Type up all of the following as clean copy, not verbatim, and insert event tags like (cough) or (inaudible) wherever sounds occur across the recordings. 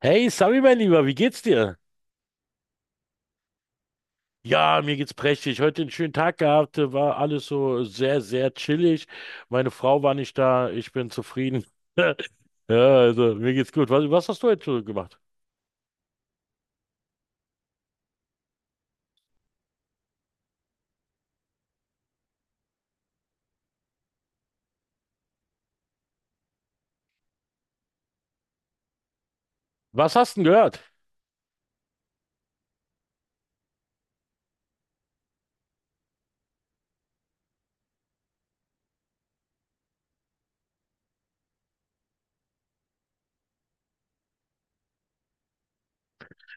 Hey, Sami, mein Lieber, wie geht's dir? Ja, mir geht's prächtig. Heute einen schönen Tag gehabt, war alles so sehr, sehr chillig. Meine Frau war nicht da, ich bin zufrieden. (laughs) Ja, also mir geht's gut. Was hast du heute so gemacht? Was hast du denn gehört?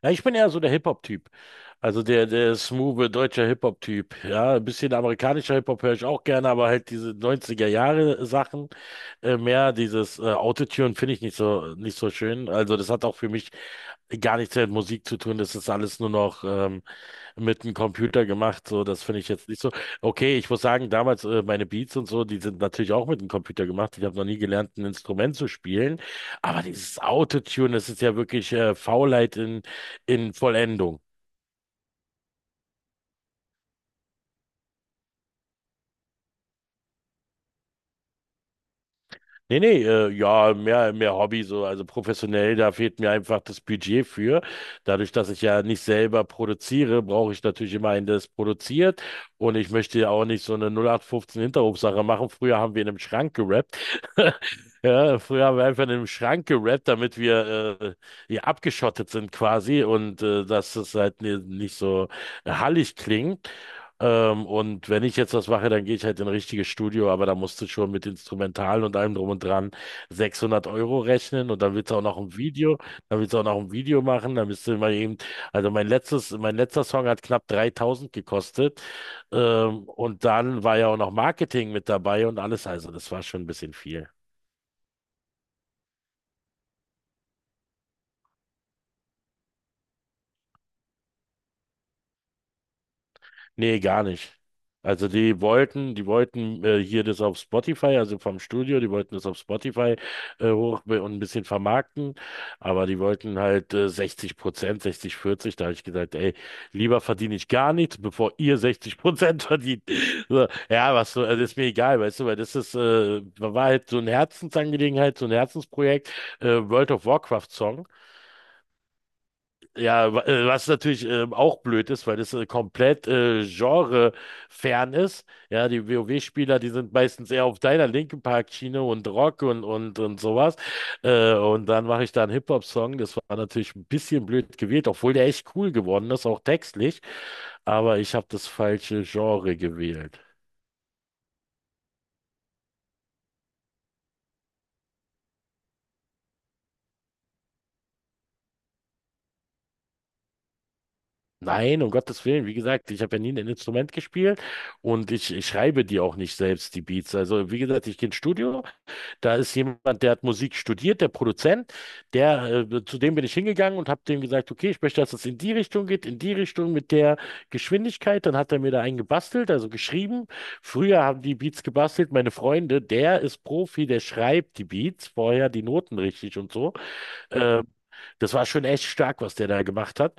Ja, ich bin eher so der Hip-Hop-Typ. Also der smooth deutscher Hip-Hop-Typ. Ja, ein bisschen amerikanischer Hip-Hop höre ich auch gerne, aber halt diese neunziger Jahre Sachen mehr dieses Autotune finde ich nicht so, nicht so schön. Also das hat auch für mich gar nichts mehr mit Musik zu tun. Das ist alles nur noch mit einem Computer gemacht. So, das finde ich jetzt nicht so. Okay, ich muss sagen, damals meine Beats und so, die sind natürlich auch mit dem Computer gemacht. Ich habe noch nie gelernt, ein Instrument zu spielen. Aber dieses Autotune, das ist ja wirklich Faulheit in Vollendung. Nee, nee, ja, mehr Hobby, so, also professionell, da fehlt mir einfach das Budget für. Dadurch, dass ich ja nicht selber produziere, brauche ich natürlich immer einen, der es produziert. Und ich möchte ja auch nicht so eine 0815 Hinterhofsache machen. Früher haben wir in einem Schrank gerappt. (laughs) Ja, früher haben wir einfach in einem Schrank gerappt, damit wir hier abgeschottet sind quasi und dass es halt nicht so hallig klingt. Und wenn ich jetzt was mache, dann gehe ich halt in ein richtiges Studio, aber da musst du schon mit Instrumentalen und allem drum und dran 600 Euro rechnen und dann willst du auch noch ein Video machen, dann bist du immer eben, also mein letztes, mein letzter Song hat knapp 3.000 gekostet, und dann war ja auch noch Marketing mit dabei und alles, also das war schon ein bisschen viel. Nee, gar nicht. Also die wollten hier das auf Spotify, also vom Studio, die wollten das auf Spotify hoch und ein bisschen vermarkten, aber die wollten halt 60%, 60, 40. Da habe ich gesagt, ey, lieber verdiene ich gar nichts, bevor ihr 60% verdient. (laughs) So, ja, was so, also ist mir egal, weißt du, weil das ist, war halt so eine Herzensangelegenheit, so ein Herzensprojekt, World of Warcraft Song. Ja, was natürlich auch blöd ist, weil das komplett genrefern ist. Ja, die WoW-Spieler, die sind meistens eher auf deiner linken Parkschiene und Rock und sowas. Und dann mache ich da einen Hip-Hop-Song. Das war natürlich ein bisschen blöd gewählt, obwohl der echt cool geworden ist, auch textlich. Aber ich habe das falsche Genre gewählt. Nein, um Gottes Willen, wie gesagt, ich habe ja nie ein Instrument gespielt und ich schreibe die auch nicht selbst, die Beats. Also, wie gesagt, ich gehe ins Studio, da ist jemand, der hat Musik studiert, der Produzent, zu dem bin ich hingegangen und habe dem gesagt, okay, ich möchte, dass es in die Richtung geht, in die Richtung mit der Geschwindigkeit. Dann hat er mir da einen gebastelt, also geschrieben. Früher haben die Beats gebastelt, meine Freunde, der ist Profi, der schreibt die Beats, vorher die Noten richtig und so. Äh, Das war schon echt stark, was der da gemacht hat.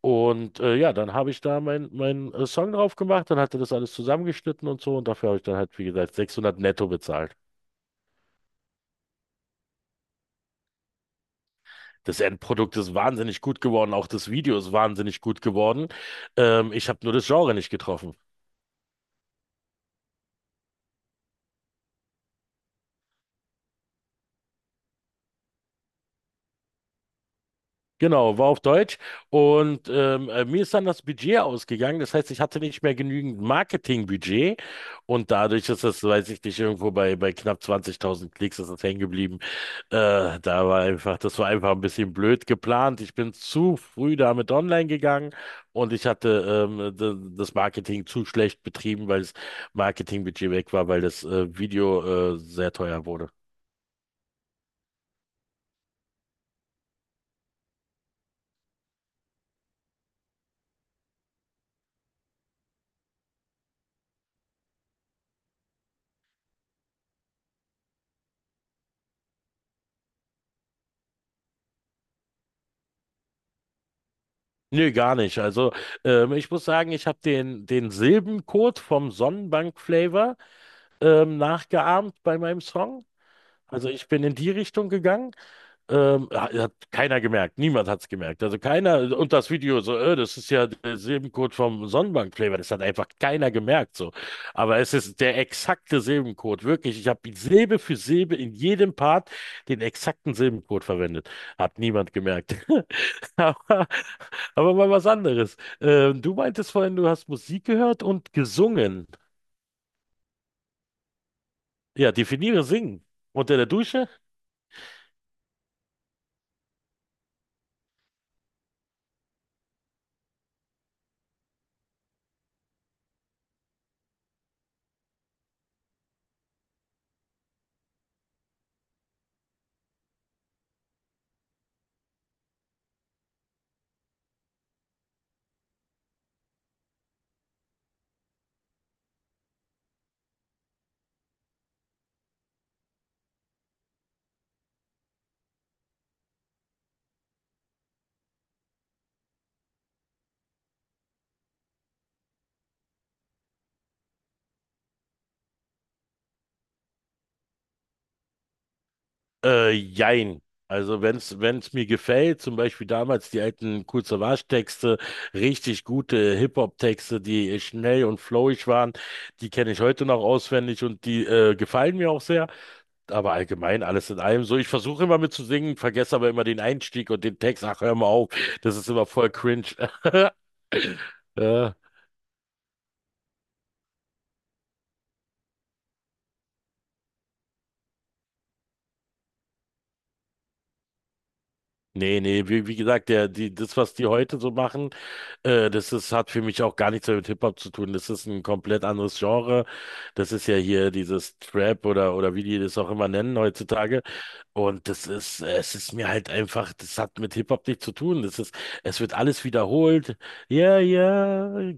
Und ja, dann habe ich da meinen Song drauf gemacht, dann hat er das alles zusammengeschnitten und so und dafür habe ich dann halt, wie gesagt, 600 netto bezahlt. Das Endprodukt ist wahnsinnig gut geworden, auch das Video ist wahnsinnig gut geworden. Ich habe nur das Genre nicht getroffen. Genau, war auf Deutsch. Und mir ist dann das Budget ausgegangen. Das heißt, ich hatte nicht mehr genügend Marketingbudget. Und dadurch ist das, weiß ich nicht, irgendwo bei knapp 20.000 Klicks ist das hängen geblieben. Da war einfach, das war einfach ein bisschen blöd geplant. Ich bin zu früh damit online gegangen und ich hatte das Marketing zu schlecht betrieben, weil das Marketingbudget weg war, weil das Video sehr teuer wurde. Nö, gar nicht. Also ich muss sagen, ich habe den Silbencode vom Sonnenbank-Flavor nachgeahmt bei meinem Song. Also ich bin in die Richtung gegangen. Hat keiner gemerkt, niemand hat es gemerkt. Also keiner, und das Video so, das ist ja der Silbencode vom Sonnenbank-Flavor, das hat einfach keiner gemerkt so. Aber es ist der exakte Silbencode, wirklich. Ich habe Silbe für Silbe in jedem Part den exakten Silbencode verwendet. Hat niemand gemerkt. (laughs) Aber, aber mal was anderes. Du meintest vorhin, du hast Musik gehört und gesungen. Ja, definiere singen. Unter der Dusche? Jein. Also wenn es mir gefällt, zum Beispiel damals die alten Kool Savas Texte, richtig gute Hip-Hop-Texte, die schnell und flowig waren, die kenne ich heute noch auswendig und die gefallen mir auch sehr. Aber allgemein alles in allem so. Ich versuche immer mitzusingen, vergesse aber immer den Einstieg und den Text. Ach, hör mal auf, das ist immer voll cringe. (laughs) äh, Nee, nee, wie gesagt, was die heute so machen, das ist, hat für mich auch gar nichts mehr mit Hip-Hop zu tun. Das ist ein komplett anderes Genre. Das ist ja hier dieses Trap oder wie die das auch immer nennen heutzutage. Und das ist, es ist mir halt einfach, das hat mit Hip-Hop nichts zu tun. Das ist, es wird alles wiederholt. Ja, ja,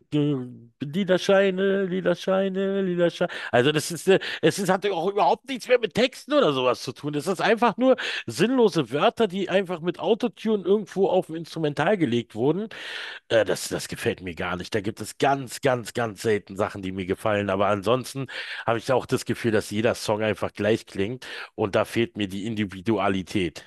lila Scheine, lila Scheine, lila Scheine. Also das ist, es ist, hat auch überhaupt nichts mehr mit Texten oder sowas zu tun. Das ist einfach nur sinnlose Wörter, die einfach mit Autotune irgendwo auf ein Instrumental gelegt wurden. Das gefällt mir gar nicht. Da gibt es ganz, ganz, ganz selten Sachen, die mir gefallen. Aber ansonsten habe ich auch das Gefühl, dass jeder Song einfach gleich klingt und da fehlt mir die Individualität.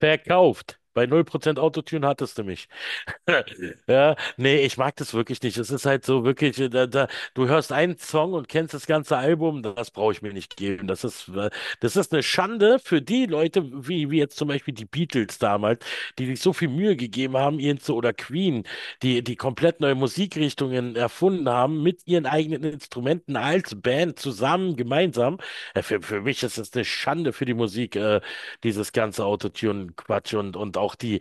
Verkauft. Bei 0% Autotune hattest du mich. (laughs) Ja, nee, ich mag das wirklich nicht. Es ist halt so wirklich, da, du hörst einen Song und kennst das ganze Album, das brauche ich mir nicht geben. Das ist eine Schande für die Leute, wie jetzt zum Beispiel die Beatles damals, die sich so viel Mühe gegeben haben, ihren zu, oder Queen, die komplett neue Musikrichtungen erfunden haben, mit ihren eigenen Instrumenten als Band zusammen, gemeinsam. Für mich ist es eine Schande für die Musik, dieses ganze Autotune-Quatsch auch die,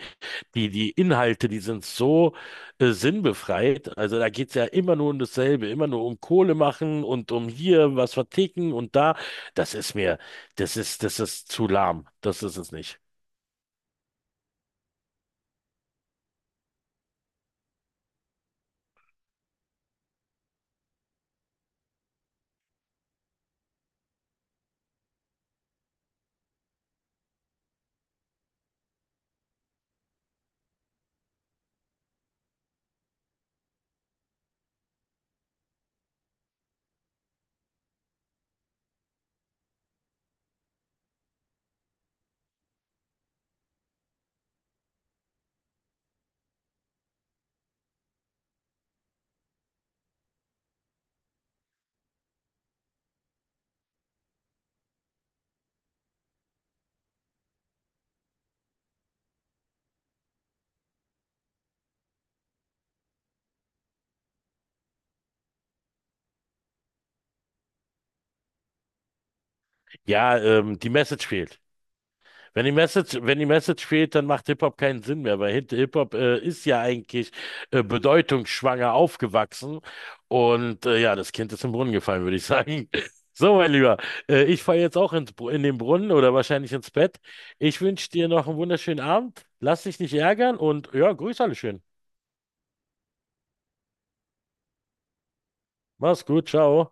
die, die Inhalte, die sind so sinnbefreit. Also da geht's ja immer nur um dasselbe, immer nur um Kohle machen und um hier was verticken und da. Das ist mir, das ist zu lahm. Das ist es nicht. Ja, die Message fehlt. Wenn die Message fehlt, dann macht Hip-Hop keinen Sinn mehr, weil Hip-Hop ist ja eigentlich bedeutungsschwanger aufgewachsen. Und ja, das Kind ist im Brunnen gefallen, würde ich sagen. (laughs) So, mein Lieber, ich falle jetzt auch in den Brunnen oder wahrscheinlich ins Bett. Ich wünsche dir noch einen wunderschönen Abend. Lass dich nicht ärgern und ja, grüß alle schön. Mach's gut, ciao.